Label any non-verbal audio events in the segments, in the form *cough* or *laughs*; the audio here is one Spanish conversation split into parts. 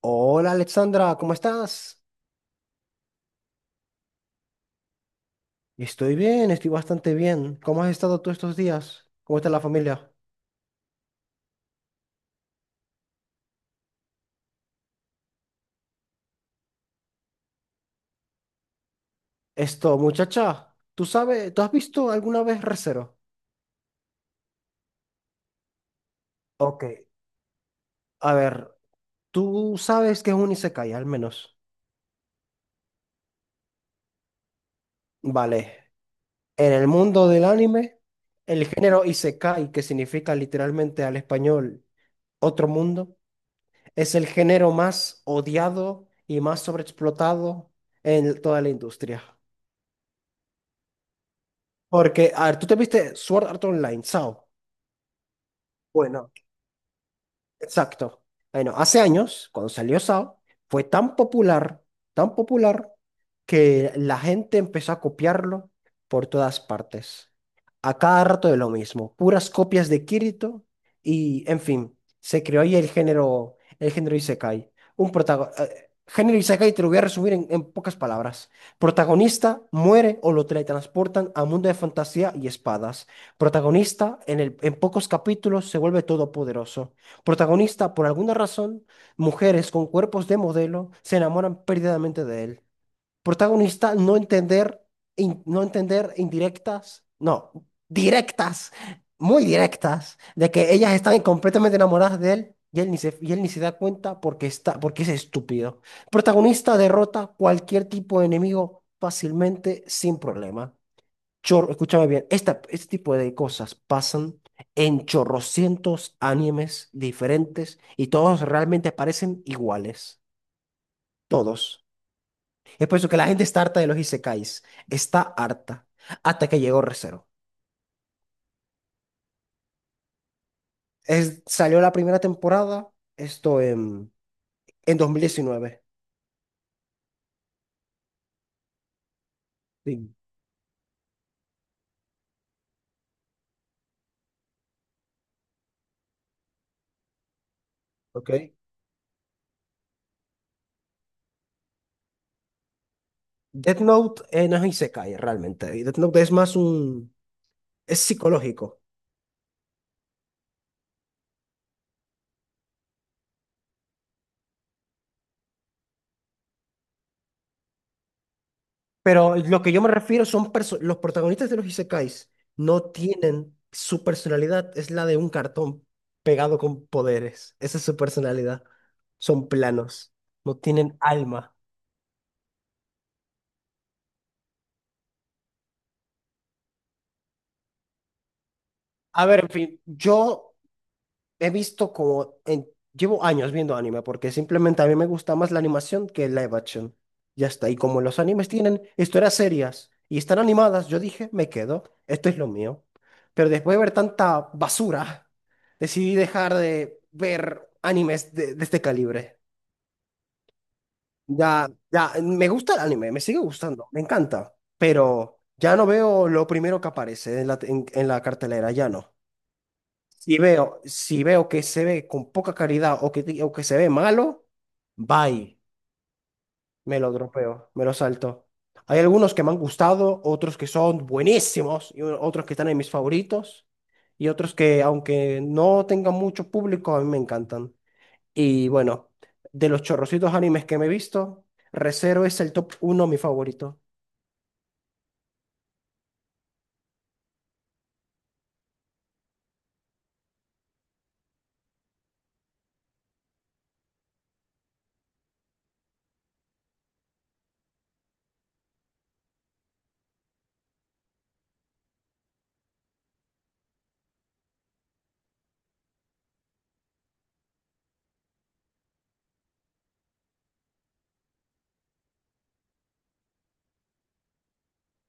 Hola Alexandra, ¿cómo estás? Estoy bien, estoy bastante bien. ¿Cómo has estado tú estos días? ¿Cómo está la familia? Muchacha, ¿tú sabes, tú has visto alguna vez Re:Zero? Ok, a ver, tú sabes que es un isekai, al menos. Vale, en el mundo del anime, el género isekai, que significa literalmente al español otro mundo, es el género más odiado y más sobreexplotado en toda la industria. Porque, a ver, tú te viste Sword Art Online, SAO. Bueno, exacto. Bueno, hace años, cuando salió Saw fue tan popular, que la gente empezó a copiarlo por todas partes. A cada rato de lo mismo, puras copias de Kirito y, en fin, se creó ahí el género Isekai. Género Isekai te lo voy a resumir en pocas palabras. Protagonista muere o lo teletransportan a mundo de fantasía y espadas. Protagonista en pocos capítulos se vuelve todopoderoso. Protagonista, por alguna razón, mujeres con cuerpos de modelo se enamoran perdidamente de él. Protagonista, no entender, no entender indirectas, no, directas, muy directas, de que ellas están completamente enamoradas de él y él ni se da cuenta porque es estúpido. Protagonista derrota cualquier tipo de enemigo fácilmente, sin problema. Escúchame bien, este tipo de cosas pasan en chorrocientos animes diferentes y todos realmente parecen iguales. Todos. Es por eso que la gente está harta de los isekais. Está harta. Hasta que llegó Re:Zero. Salió la primera temporada, esto en, en 2019. Sí. Ok. Death Note, no es isekai realmente. Death Note es más es psicológico. Pero lo que yo me refiero son los protagonistas de los isekais no tienen su personalidad, es la de un cartón pegado con poderes. Esa es su personalidad. Son planos, no tienen alma. A ver, en fin, yo he visto como, llevo años viendo anime porque simplemente a mí me gusta más la animación que el live action. Ya está. Y como los animes tienen historias serias y están animadas, yo dije, me quedo, esto es lo mío. Pero después de ver tanta basura, *laughs* decidí dejar de ver animes de este calibre. Ya, ya, me gusta el anime, me sigue gustando, me encanta, pero ya no veo lo primero que aparece en la cartelera, ya no. Si veo que se ve con poca calidad o o que se ve malo, bye, me lo dropeo, me lo salto. Hay algunos que me han gustado, otros que son buenísimos, y otros que están en mis favoritos, y otros que, aunque no tengan mucho público, a mí me encantan. Y bueno, de los chorrocitos animes que me he visto, Re:Zero es el top uno, mi favorito.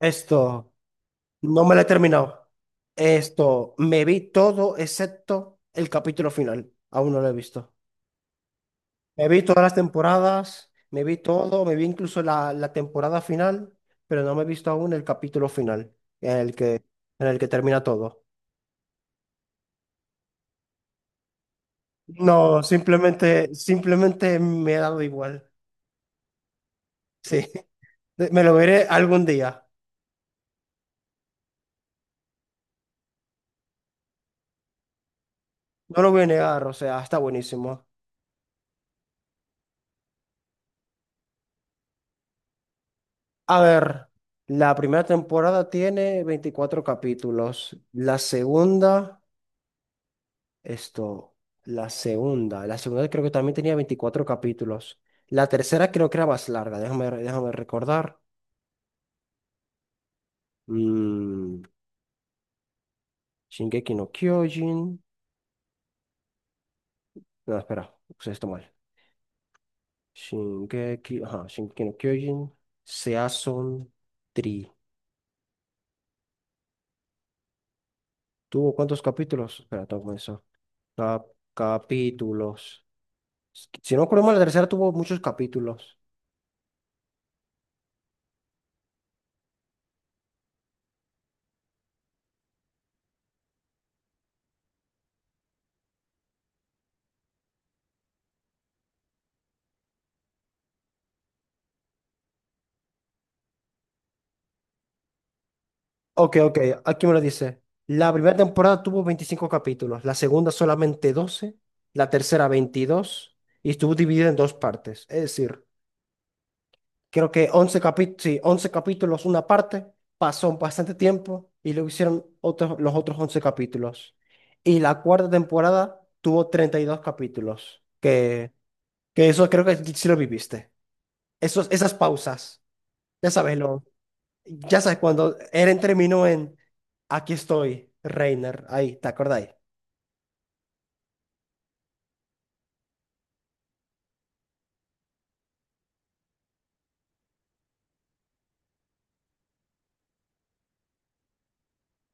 Esto, no me lo he terminado. Me vi todo excepto el capítulo final. Aún no lo he visto. Me vi todas las temporadas, me vi todo, me vi incluso la temporada final, pero no me he visto aún el capítulo final, en el que, en el que termina todo. No, simplemente me ha dado igual. Sí, *laughs* me lo veré algún día. No lo voy a negar, o sea, está buenísimo. A ver, la primera temporada tiene 24 capítulos, la segunda... Esto, La segunda creo que también tenía 24 capítulos. La tercera creo que era más larga. Déjame recordar. Mm, Shingeki no Kyojin. No, espera, puse esto mal. Ajá, Shingeki no Kyojin. Season 3. ¿Tuvo cuántos capítulos? Espera, tengo que comenzar. Cap- Capítulos. Si no recuerdo mal, la tercera tuvo muchos capítulos. Ok, ok, aquí me lo dice. La primera temporada tuvo 25 capítulos, la segunda solamente 12, la tercera 22 y estuvo dividida en dos partes. Es decir, creo que 11 capítulos, sí, 11 capítulos, una parte, pasó bastante tiempo y luego hicieron los otros 11 capítulos. Y la cuarta temporada tuvo 32 capítulos, que eso creo que sí lo viviste. Esas pausas, ya sabes, ya sabes, cuando Eren terminó en Aquí estoy, Reiner, ahí, ¿te acordáis?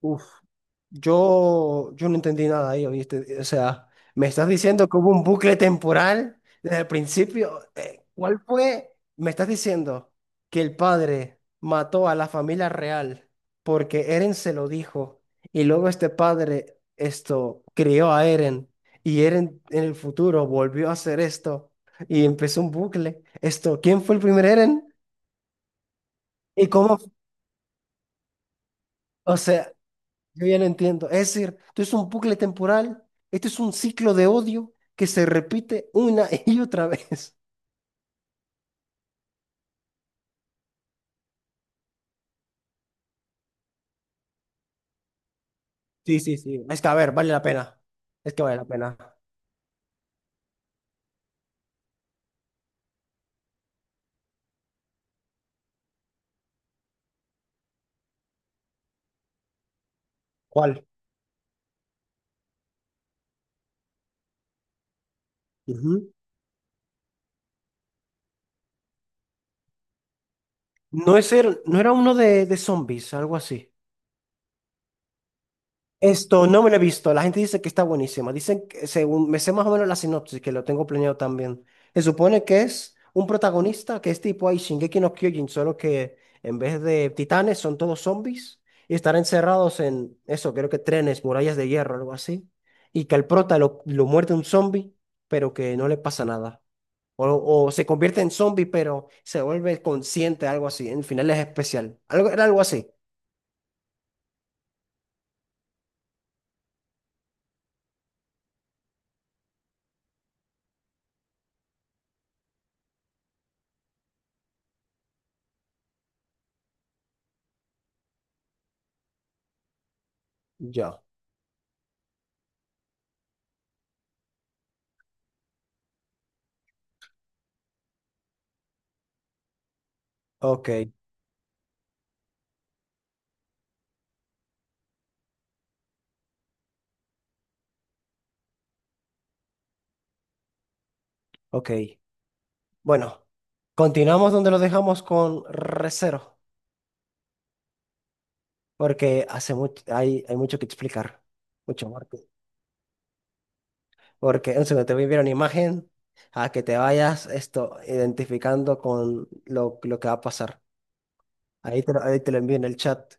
Uf, yo no entendí nada ahí, ¿oíste? O sea, me estás diciendo que hubo un bucle temporal desde el principio. ¿Cuál fue? Me estás diciendo que el padre mató a la familia real porque Eren se lo dijo y luego este padre esto crió a Eren y Eren en el futuro volvió a hacer esto y empezó un bucle. ¿Quién fue el primer Eren? ¿Y cómo? O sea, yo ya no entiendo. Es decir, esto es un bucle temporal, esto es un ciclo de odio que se repite una *laughs* y otra vez. Sí, sí, sí. Es que, a ver, vale la pena. Es que vale la pena. ¿Cuál? Ujú. No es no era uno de zombies, algo así. Esto no me lo he visto. La gente dice que está buenísima. Dicen que, según me sé más o menos la sinopsis, que lo tengo planeado también. Se supone que es un protagonista que es tipo ahí Shingeki no Kyojin, solo que en vez de titanes son todos zombies y estar encerrados en eso, creo que trenes, murallas de hierro, algo así. Y que al prota lo muerde un zombie, pero que no le pasa nada. O, o se convierte en zombie, pero se vuelve consciente, algo así. En el final es especial. Era algo así. Ya. Ok, ok. Bueno, continuamos donde lo dejamos con Recero, porque hace mucho, hay mucho que explicar, mucho más. Porque en segundo te voy a enviar una imagen a que te vayas esto identificando con lo que va a pasar. Ahí te lo envío en el chat.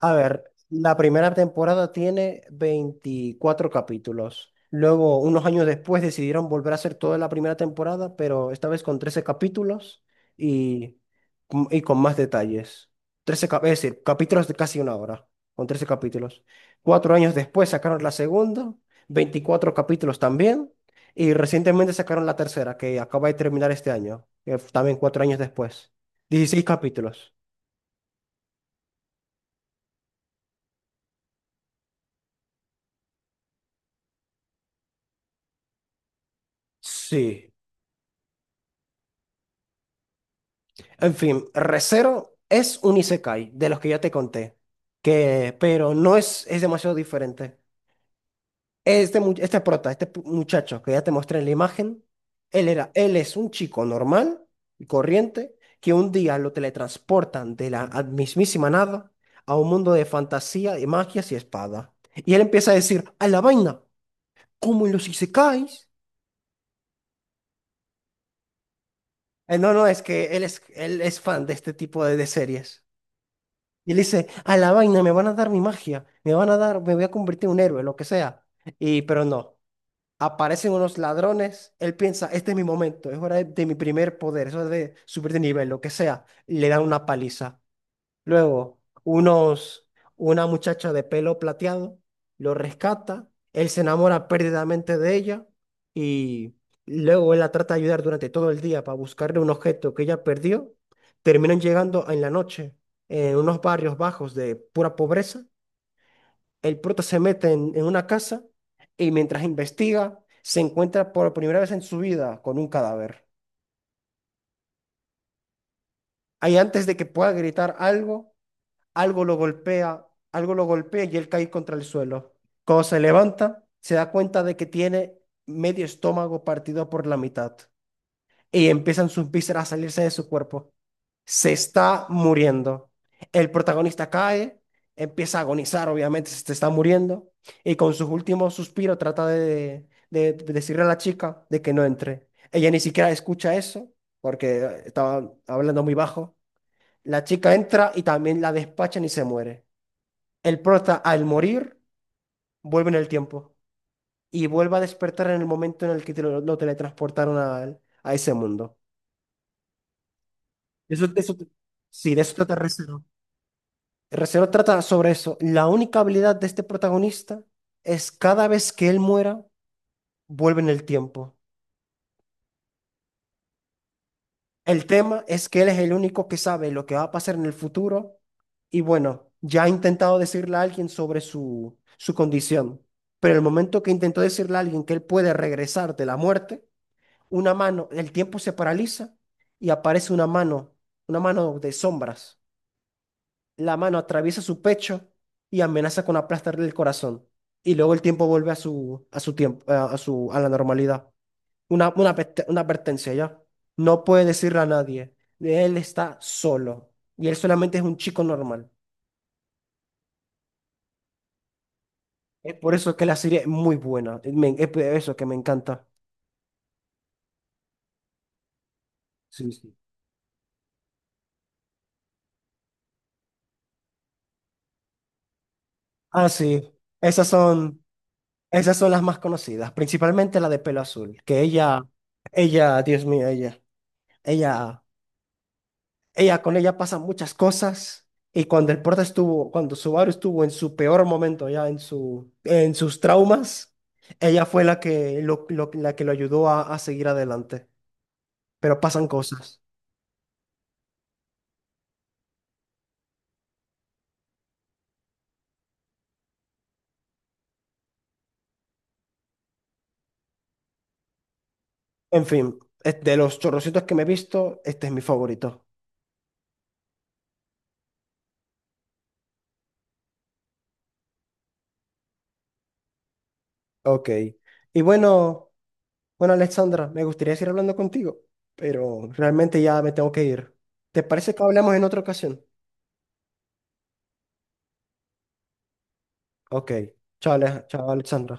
A ver, la primera temporada tiene 24 capítulos. Luego, unos años después, decidieron volver a hacer toda la primera temporada, pero esta vez con 13 capítulos y, y con más detalles. Trece, es decir, capítulos de casi una hora, con 13 capítulos. 4 años después sacaron la segunda, 24 capítulos también, y recientemente sacaron la tercera, que acaba de terminar este año, también 4 años después. 16 capítulos. Sí. En fin, Re:Zero es un isekai de los que ya te conté, pero no es, es demasiado diferente. Muchacho que ya te mostré en la imagen, él es un chico normal y corriente que un día lo teletransportan de la mismísima nada a un mundo de fantasía, de magias y espada. Y él empieza a decir, a la vaina, como en los isekais. No, no, es que él es fan de este tipo de series. Y él dice, a la vaina, me van a dar mi magia, me voy a convertir en un héroe, lo que sea. Pero no, aparecen unos ladrones, él piensa, este es mi momento, es hora de mi primer poder, es hora de subir de nivel, lo que sea. Y le dan una paliza. Luego, una muchacha de pelo plateado lo rescata, él se enamora perdidamente de ella y luego él la trata de ayudar durante todo el día para buscarle un objeto que ella perdió. Terminan llegando en la noche en unos barrios bajos de pura pobreza. El prota se mete en una casa y mientras investiga se encuentra por primera vez en su vida con un cadáver. Ahí antes de que pueda gritar algo, algo lo golpea, algo lo golpea y él cae contra el suelo. Cuando se levanta, se da cuenta de que tiene medio estómago partido por la mitad y empiezan sus vísceras a salirse de su cuerpo. Se está muriendo. El protagonista cae, empieza a agonizar, obviamente, se está muriendo y con sus últimos suspiros trata de decirle a la chica de que no entre. Ella ni siquiera escucha eso porque estaba hablando muy bajo. La chica entra y también la despachan y se muere. El prota, al morir, vuelve en el tiempo y vuelve a despertar en el momento en el que lo teletransportaron a ese mundo. Eso, sí, de eso trata Re:Zero. Re:Zero trata sobre eso. La única habilidad de este protagonista es cada vez que él muera, vuelve en el tiempo. El tema es que él es el único que sabe lo que va a pasar en el futuro y bueno, ya ha intentado decirle a alguien sobre su condición, pero el momento que intentó decirle a alguien que él puede regresar de la muerte, el tiempo se paraliza y aparece una mano de sombras. La mano atraviesa su pecho y amenaza con aplastarle el corazón. Y luego el tiempo vuelve a su tiempo, a la normalidad. Una advertencia ya. No puede decirle a nadie. Él está solo. Y él solamente es un chico normal. Es por eso que la serie es muy buena. Es por eso que me encanta. Sí, sí. Ah, sí. Esas son. Esas son las más conocidas, principalmente la de pelo azul, que ella, Dios mío, ella, con ella pasan muchas cosas. Y cuando cuando Subaru estuvo en su peor momento, ya en sus traumas, ella fue la que lo ayudó a seguir adelante. Pero pasan cosas. En fin, es de los chorrocitos que me he visto, este es mi favorito. Ok. Y bueno. Bueno, Alexandra, me gustaría seguir hablando contigo, pero realmente ya me tengo que ir. ¿Te parece que hablemos en otra ocasión? Ok. Chao, chao, Alexandra.